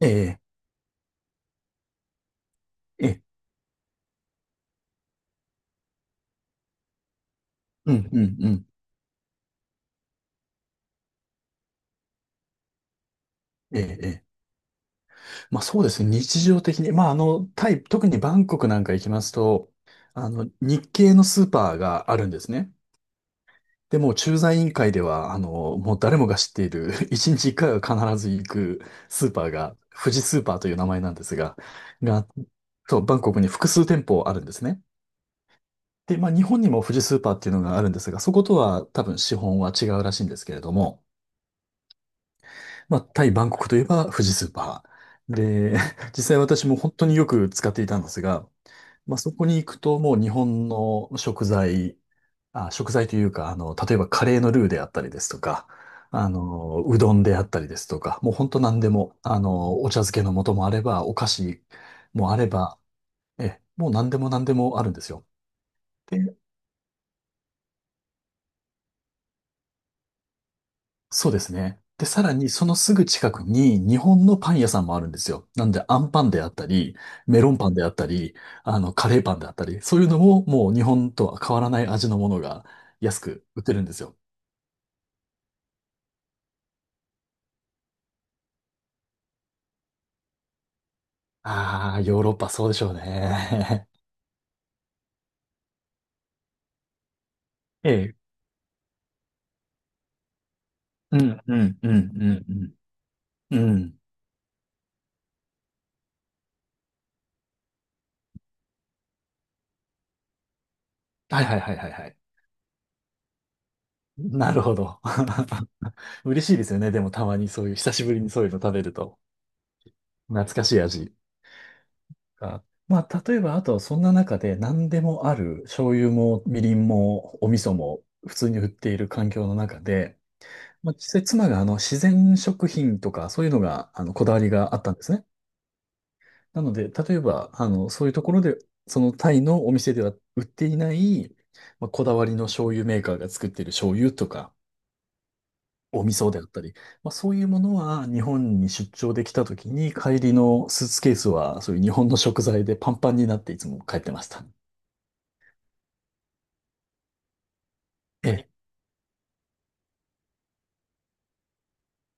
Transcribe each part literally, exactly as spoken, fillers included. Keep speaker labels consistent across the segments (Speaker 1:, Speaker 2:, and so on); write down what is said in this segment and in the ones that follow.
Speaker 1: ええ、ええ、うん、うん、うん。ええ、ええ。まあそうですね。日常的に。まああの、タイ、特にバンコクなんか行きますと、あの、日系のスーパーがあるんですね。で、もう駐在委員会では、あの、もう誰もが知っている、一日一回は必ず行くスーパーが、富士スーパーという名前なんですが、が、そう、バンコクに複数店舗あるんですね。で、まあ日本にも富士スーパーっていうのがあるんですが、そことは多分資本は違うらしいんですけれども、まあ、タイ・バンコクといえば富士スーパー。で、実際私も本当によく使っていたんですが、まあ、そこに行くともう日本の食材、あ、食材というか、あの、例えばカレーのルーであったりですとか、あの、うどんであったりですとか、もう本当何でも、あの、お茶漬けの素もあれば、お菓子もあれば、え、もう何でも何でもあるんですよ。そうですね。で、さらにそのすぐ近くに日本のパン屋さんもあるんですよ。なんで、アンパンであったり、メロンパンであったり、あの、カレーパンであったり、そういうのももう日本とは変わらない味のものが安く売ってるんですよ。ああ、ヨーロッパそうでしょうね。ええ。うん、うん、うん、うん、うん。うん。はいはいはいはいはい。なるほど。嬉しいですよね。でもたまにそういう、久しぶりにそういうの食べると。懐かしい味。か。まあ、例えば、あと、そんな中で何でもある、醤油も、みりんも、お味噌も、普通に売っている環境の中で、まあ、実際、妻が、あの、自然食品とか、そういうのが、あの、こだわりがあったんですね。なので、例えば、あの、そういうところで、そのタイのお店では売っていない、まあ、こだわりの醤油メーカーが作っている醤油とか、お味噌であったり、まあ、そういうものは日本に出張できた時に帰りのスーツケースはそういう日本の食材でパンパンになっていつも帰ってました。ええ。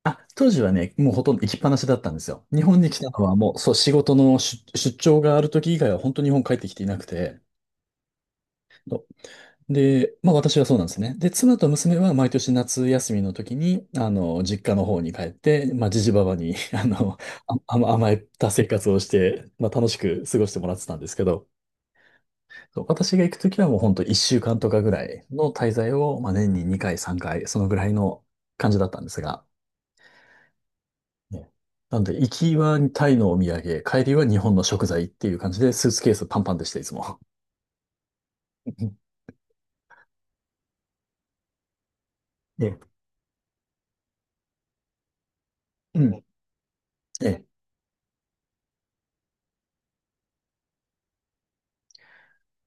Speaker 1: あ、当時はね、もうほとんど行きっぱなしだったんですよ。日本に来たのはもう、そう、仕事の出、出張がある時以外は本当に日本帰ってきていなくて。そうで、まあ私はそうなんですね。で、妻と娘は毎年夏休みの時に、あの、実家の方に帰って、まあ、じじばばに、あの、あ、甘甘えた生活をして、まあ楽しく過ごしてもらってたんですけど、そう私が行く時はもう本当いっしゅうかんとかぐらいの滞在を、まあ年ににかい、さんかい、そのぐらいの感じだったんですが、ねなんで、行きはタイのお土産、帰りは日本の食材っていう感じで、スーツケースパンパンでした、いつも。ええ、うん。ええ、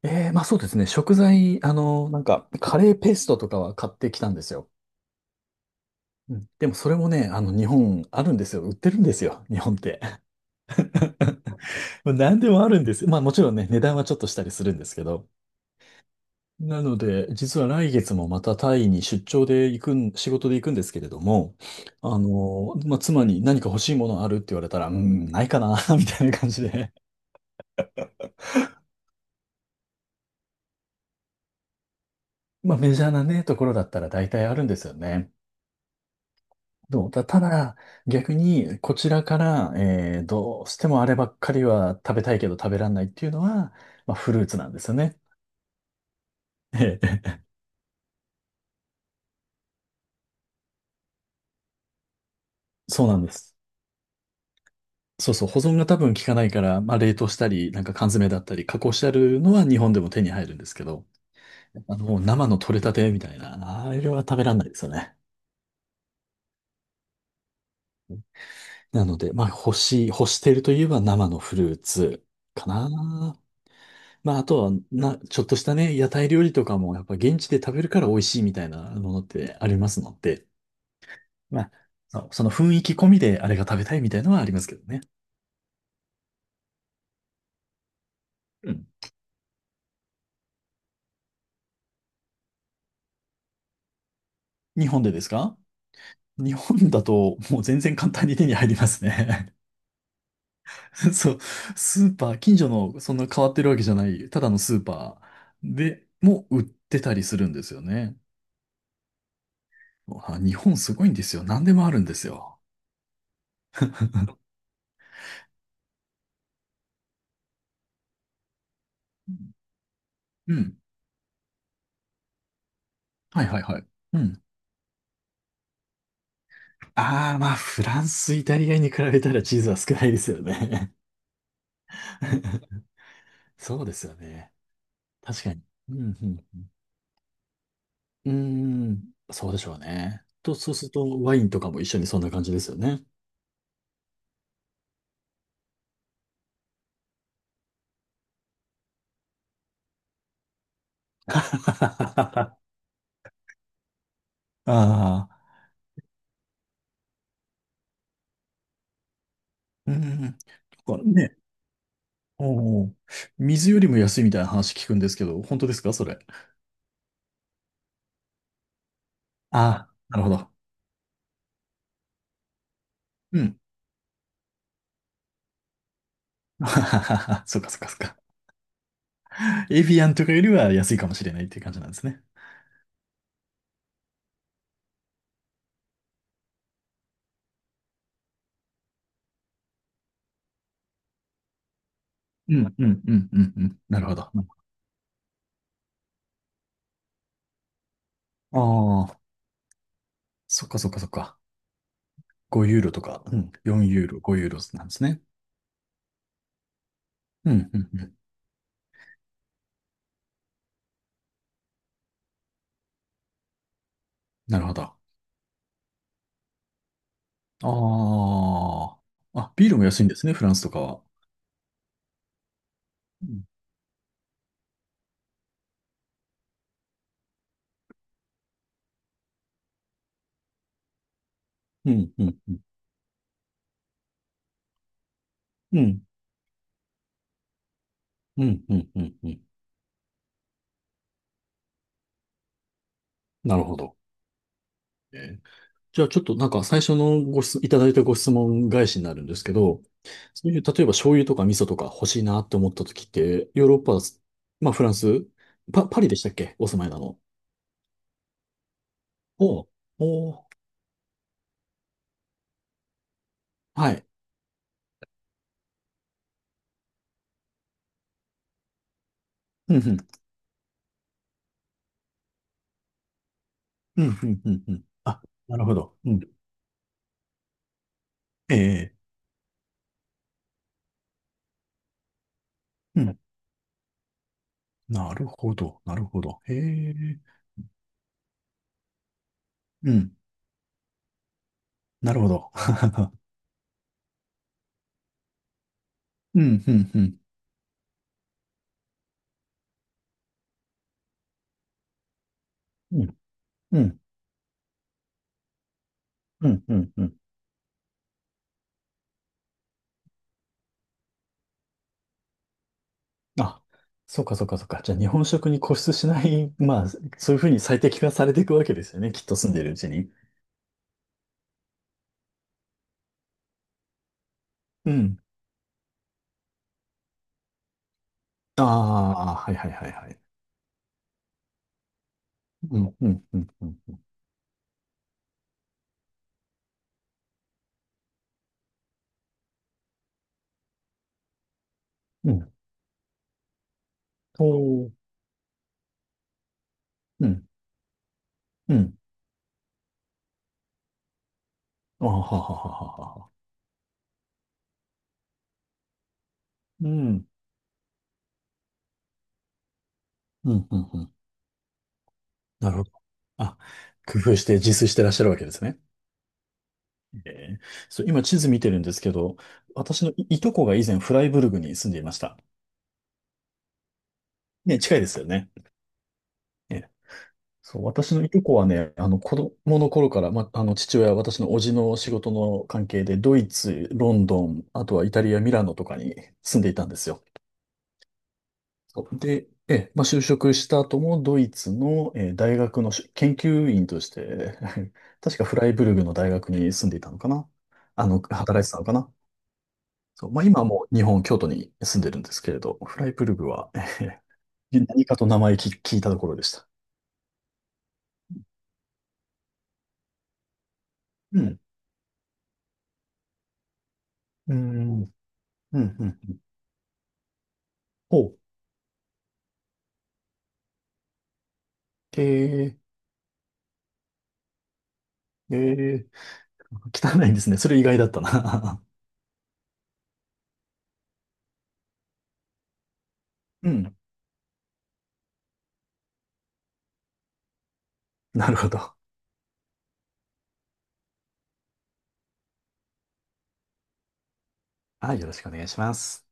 Speaker 1: ええまあそうですね。食材、あの、なんか、カレーペーストとかは買ってきたんですよ。うん、でもそれもね、あの、日本あるんですよ。売ってるんですよ。日本って。何でもあるんですよ。まあもちろんね、値段はちょっとしたりするんですけど。なので、実は来月もまたタイに出張で行くん、仕事で行くんですけれども、あの、まあ、妻に何か欲しいものあるって言われたら、うん、ないかな、みたいな感じで。まあ、メジャーなね、ところだったら大体あるんですよね。どうた、ただ、逆に、こちらから、えーどうしてもあればっかりは食べたいけど食べらんないっていうのは、まあ、フルーツなんですよね。ええそうなんです。そうそう、保存が多分効かないから、まあ、冷凍したり、なんか缶詰だったり、加工してあるのは日本でも手に入るんですけど、あの、もう生の取れたてみたいな、あれは食べらんないですよね。なので、まあ、干し、干しているといえば生のフルーツかな。まあ、あとは、な、ちょっとしたね、屋台料理とかも、やっぱ現地で食べるから美味しいみたいなものってありますので、まあ、そうその雰囲気込みであれが食べたいみたいなのはありますけどね。うん。日本でですか？日本だと、もう全然簡単に手に入りますね。そう、スーパー、近所のそんな変わってるわけじゃない、ただのスーパーでも売ってたりするんですよね。あ日本すごいんですよ。何でもあるんですよ。うん。はいはいはい。うん。ああ、まあ、フランス、イタリアに比べたらチーズは少ないですよね。そうですよね。確かに。うん、うん。うーん、そうでしょうね。と、そうすると、ワインとかも一緒にそんな感じですよね。ああ、うん。だからねおお水よりも安いみたいな話聞くんですけど、本当ですかそれ？ああ、なるほど。うん。そっかそっかそっか。エビアンとかよりは安いかもしれないっていう感じなんですね。うん、うん、うん、うん、うん。なるほど。ああ、そっかそっかそっか。ごユーロとか、うん、よんユーロ、ごユーロなんですね。うん、うん、うん。なるほど。ああ。あ、ビールも安いんですね、フランスとかは。うん、うん、うん、うん。うん、うん、うん、うん。うんなるほど。えーじゃあちょっとなんか最初のご質、いただいたご質問返しになるんですけど、そういう、例えば醤油とか味噌とか欲しいなって思った時って、ヨーロッパ、まあフランス、パ、パリでしたっけお住まいなの？おうおうはい。うんうん。うんうんうんうん。あ、なるほど。うん。ええうん。なるほど。なるほど。へえ。うん。なるほど。うんうんうん。うんうんうんうんうん。あ、そうかそうかそうか。じゃあ日本食に固執しない、まあ、そういうふうに最適化されていくわけですよね。きっと住んでるうちに。うん。ああ、はいはいはいはい。うん、うん、うん、うん。うん。おーうん、うん。ああ、ははははは。うん、うん、うん、うん。なるほど。あ、工夫して自炊してらっしゃるわけですね。ええそう、今地図見てるんですけど、私のい、いとこが以前フライブルグに住んでいました。ね、近いですよね。えそう、私のいとこはね、あの子供の頃から、ま、あの父親、私の叔父の仕事の関係で、ドイツ、ロンドン、あとはイタリア、ミラノとかに住んでいたんですよ。そうで、ええ、まあ、就職した後もドイツの、えー大学のし研究員として、確かフライブルグの大学に住んでいたのかな。あの、働いてたのかな。そう、まあ、今はもう日本、京都に住んでるんですけれど、フライブルグは、何かと名前き聞いたところでした。うん。うん。うん。うん。ほう。ええええ汚いんですね。それ意外だったな。うん。なるほど。はい、よろしくお願いします。